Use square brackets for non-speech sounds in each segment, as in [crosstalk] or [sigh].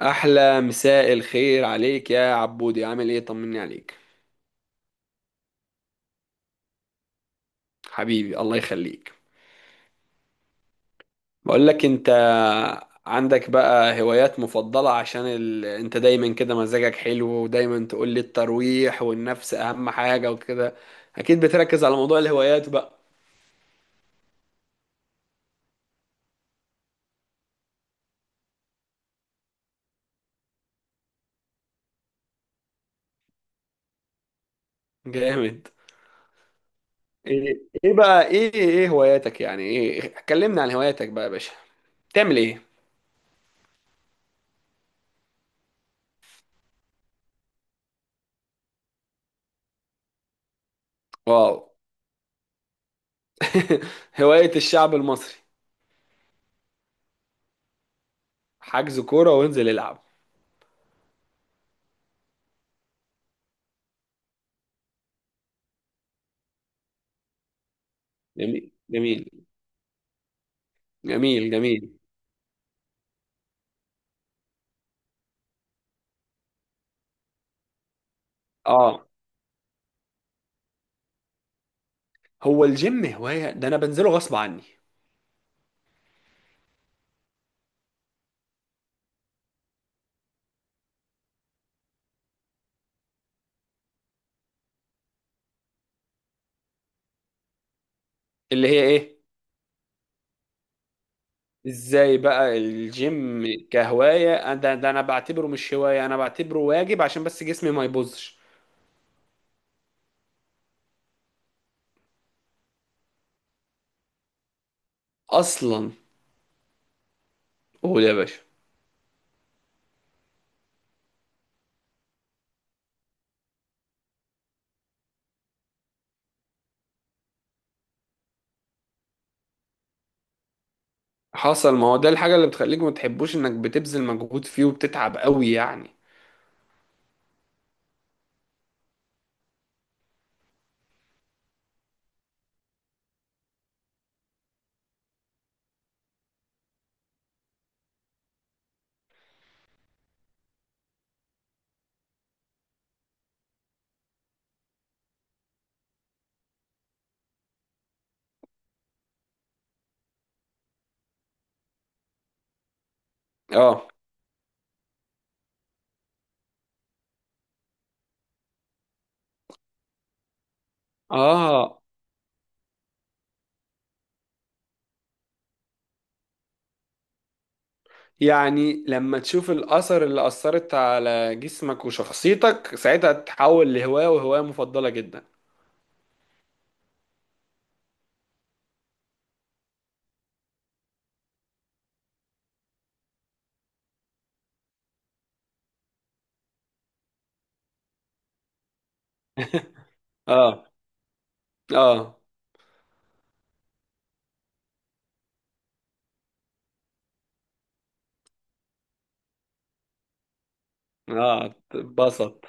احلى مساء الخير عليك يا عبودي، عامل ايه؟ طمني عليك. حبيبي، الله يخليك. بقول لك انت، عندك بقى هوايات مفضلة عشان انت دايما كده مزاجك حلو، ودايما تقول لي الترويح والنفس اهم حاجة وكده. اكيد بتركز على موضوع الهوايات بقى. جامد. ايه بقى ايه هواياتك، يعني ايه؟ كلمنا عن هواياتك بقى يا باشا. بتعمل ايه؟ واو! [laughs] هواية الشعب المصري. حجز كورة وانزل العب. جميل، جميل. جميل، جميل. اه. هو الجيم هواية؟ ده انا بنزله غصب عني. اللي هي ايه؟ ازاي بقى الجيم كهواية؟ ده انا بعتبره مش هواية، انا بعتبره واجب عشان بس جسمي ما يبوظش. اصلا. قول يا باشا. حصل. ما هو ده الحاجة اللي بتخليك ما تحبوش انك بتبذل مجهود فيه وبتتعب قوي يعني. اه. اه. يعني لما تشوف الأثر اللي أثرت على جسمك وشخصيتك، ساعتها تتحول لهواية، وهواية مفضلة جدا. اه. اه. اه. اتبسط.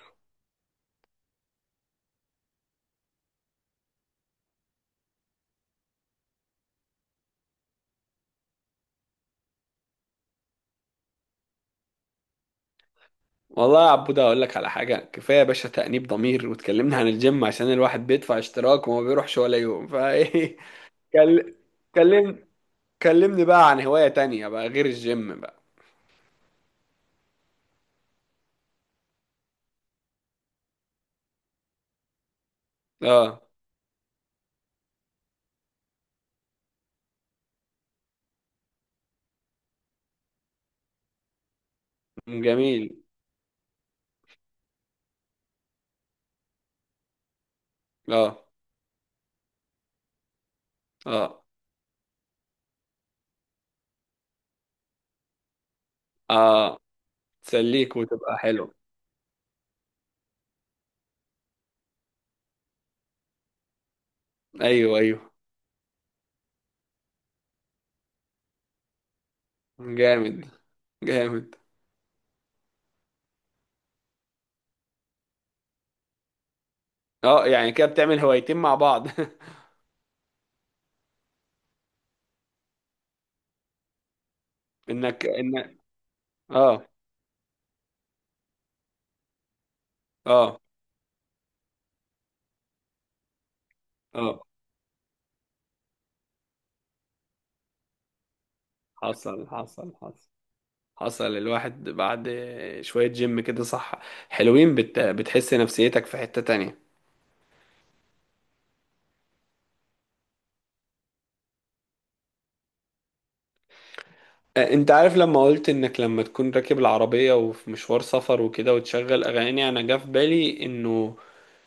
والله يا عبود، اقول لك على حاجه، كفايه يا باشا تأنيب ضمير، واتكلمنا عن الجيم عشان الواحد بيدفع اشتراك وما بيروحش ولا يوم فايه. [laughs] كل- كلم كلمني بقى عن هوايه تانية بقى غير الجيم بقى. اه. جميل. اه، اه، اه. تسليك وتبقى حلو. ايوه، ايوه. جامد، جامد. اه، يعني كده بتعمل هوايتين مع بعض. [laughs] انك. اه، اه، اه. حصل، حصل، حصل. حصل، الواحد بعد شوية جيم كده صح، حلوين، بتحس نفسيتك في حتة تانية. انت عارف لما قلت انك لما تكون راكب العربية وفي مشوار سفر وكده وتشغل اغاني، انا جه في بالي انه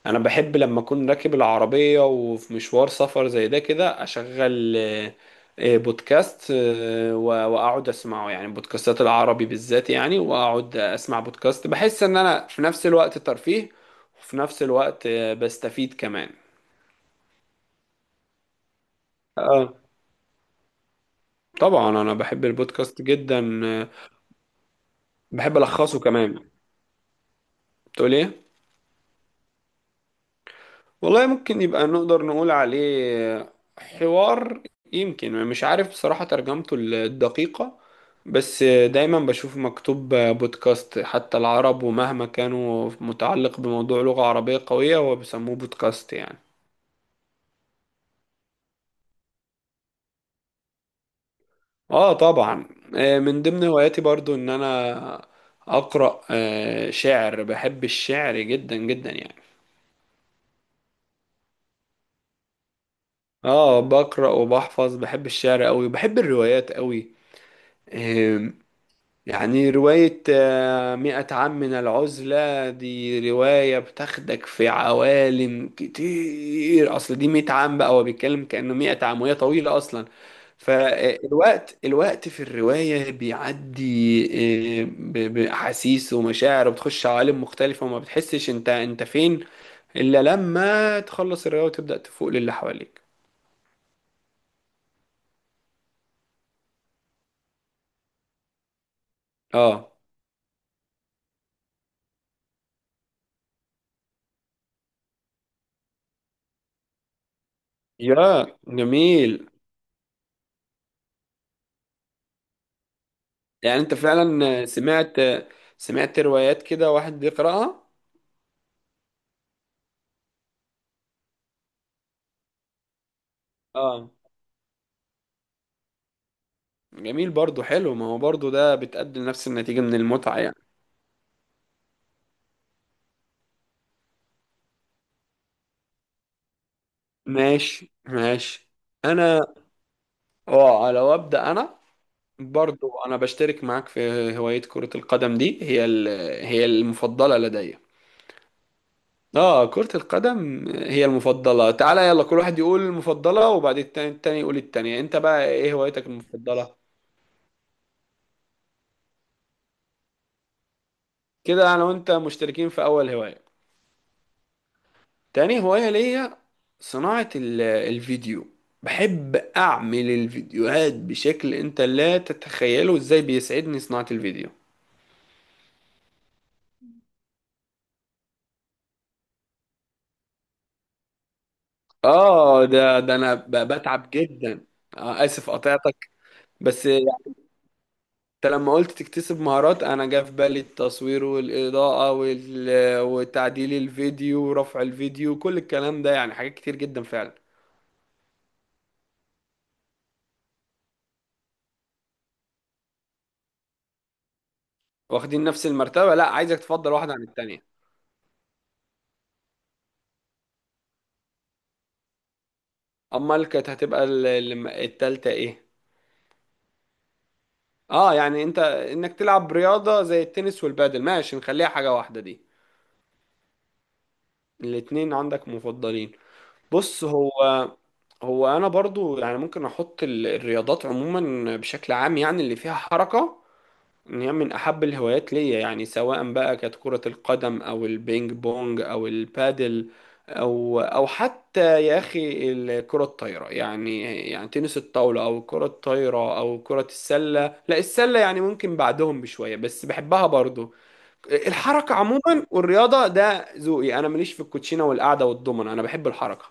انا بحب لما اكون راكب العربية وفي مشوار سفر زي ده كده اشغل بودكاست، واقعد اسمعه. يعني بودكاستات العربي بالذات، يعني واقعد اسمع بودكاست، بحس ان انا في نفس الوقت ترفيه، وفي نفس الوقت بستفيد كمان. اه، طبعا. انا بحب البودكاست جدا بحب الخصه كمان. بتقول ايه؟ والله ممكن يبقى نقدر نقول عليه حوار، يمكن. مش عارف بصراحة ترجمته الدقيقة. بس دايما بشوف مكتوب بودكاست. حتى العرب ومهما كانوا متعلق بموضوع لغة عربية قوية هو بيسموه بودكاست يعني. اه، طبعا. من ضمن هواياتي برضو ان انا اقرأ شعر. بحب الشعر جدا جدا يعني. اه، بقرأ وبحفظ. بحب الشعر قوي، بحب الروايات قوي. آم، يعني رواية مئة عام من العزلة، دي رواية بتاخدك في عوالم كتير. أصل دي 100 عام بقى، هو بيتكلم كأنه 100 عام، وهي طويلة أصلا. فالوقت في الرواية بيعدي بأحاسيس ومشاعر، وبتخش عوالم مختلفة، وما بتحسش انت فين، إلا لما تخلص الرواية وتبدأ تفوق للي حواليك. اه. يا جميل! يعني انت فعلا سمعت روايات كده واحد بيقرأها؟ اه، جميل برضو، حلو. ما هو برضو ده بتقدم نفس النتيجة من المتعة يعني. ماشي، ماشي. انا، اه لو ابدا انا، برضو انا بشترك معاك في هواية كرة القدم، دي هي هي المفضلة لدي. اه، كرة القدم هي المفضلة. تعالى يلا، كل واحد يقول المفضلة، وبعد التاني يقول التانية. انت بقى ايه هوايتك المفضلة؟ كده انا وانت مشتركين في اول هواية. تاني هواية ليا، صناعة الفيديو. بحب أعمل الفيديوهات بشكل أنت لا تتخيله، إزاي بيسعدني صناعة الفيديو. ده أنا بتعب جدا. آه، آسف، قطعتك. بس أنت لما قلت تكتسب مهارات، أنا جه في بالي التصوير والإضاءة وتعديل الفيديو ورفع الفيديو، كل الكلام ده يعني حاجات كتير جدا فعلا. واخدين نفس المرتبة؟ لا، عايزك تفضل واحدة عن التانية. أمال كانت هتبقى التالتة إيه؟ اه، يعني انك تلعب رياضة زي التنس والبادل، ماشي، نخليها حاجة واحدة دي. الاتنين عندك مفضلين. بص، هو انا برضو يعني ممكن احط الرياضات عموما بشكل عام، يعني اللي فيها حركة، إن هي من أحب الهوايات ليا. يعني سواء بقى كانت كرة القدم أو البينج بونج أو البادل، أو حتى يا أخي الكرة الطايرة يعني. يعني تنس الطاولة أو الكرة الطايرة أو كرة السلة. لا، السلة يعني ممكن بعدهم بشوية، بس بحبها برضو. الحركة عموما والرياضة ده ذوقي. أنا ماليش في الكوتشينة والقعدة والضمنة، أنا بحب الحركة.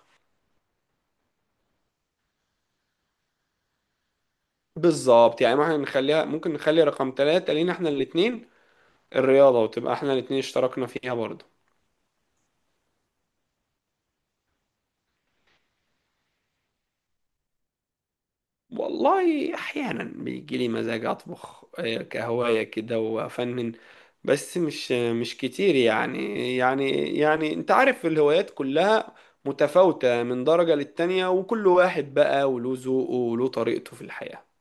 بالظبط، يعني ممكن نخلي رقم 3 لينا احنا الاتنين، الرياضة، وتبقى احنا الاتنين اشتركنا فيها برضو. والله احيانا بيجي لي مزاج اطبخ كهوايه كده وافنن، بس مش كتير يعني. يعني انت عارف الهوايات كلها متفاوتة من درجة للتانية، وكل واحد بقى وله ذوقه وله طريقته في الحياة.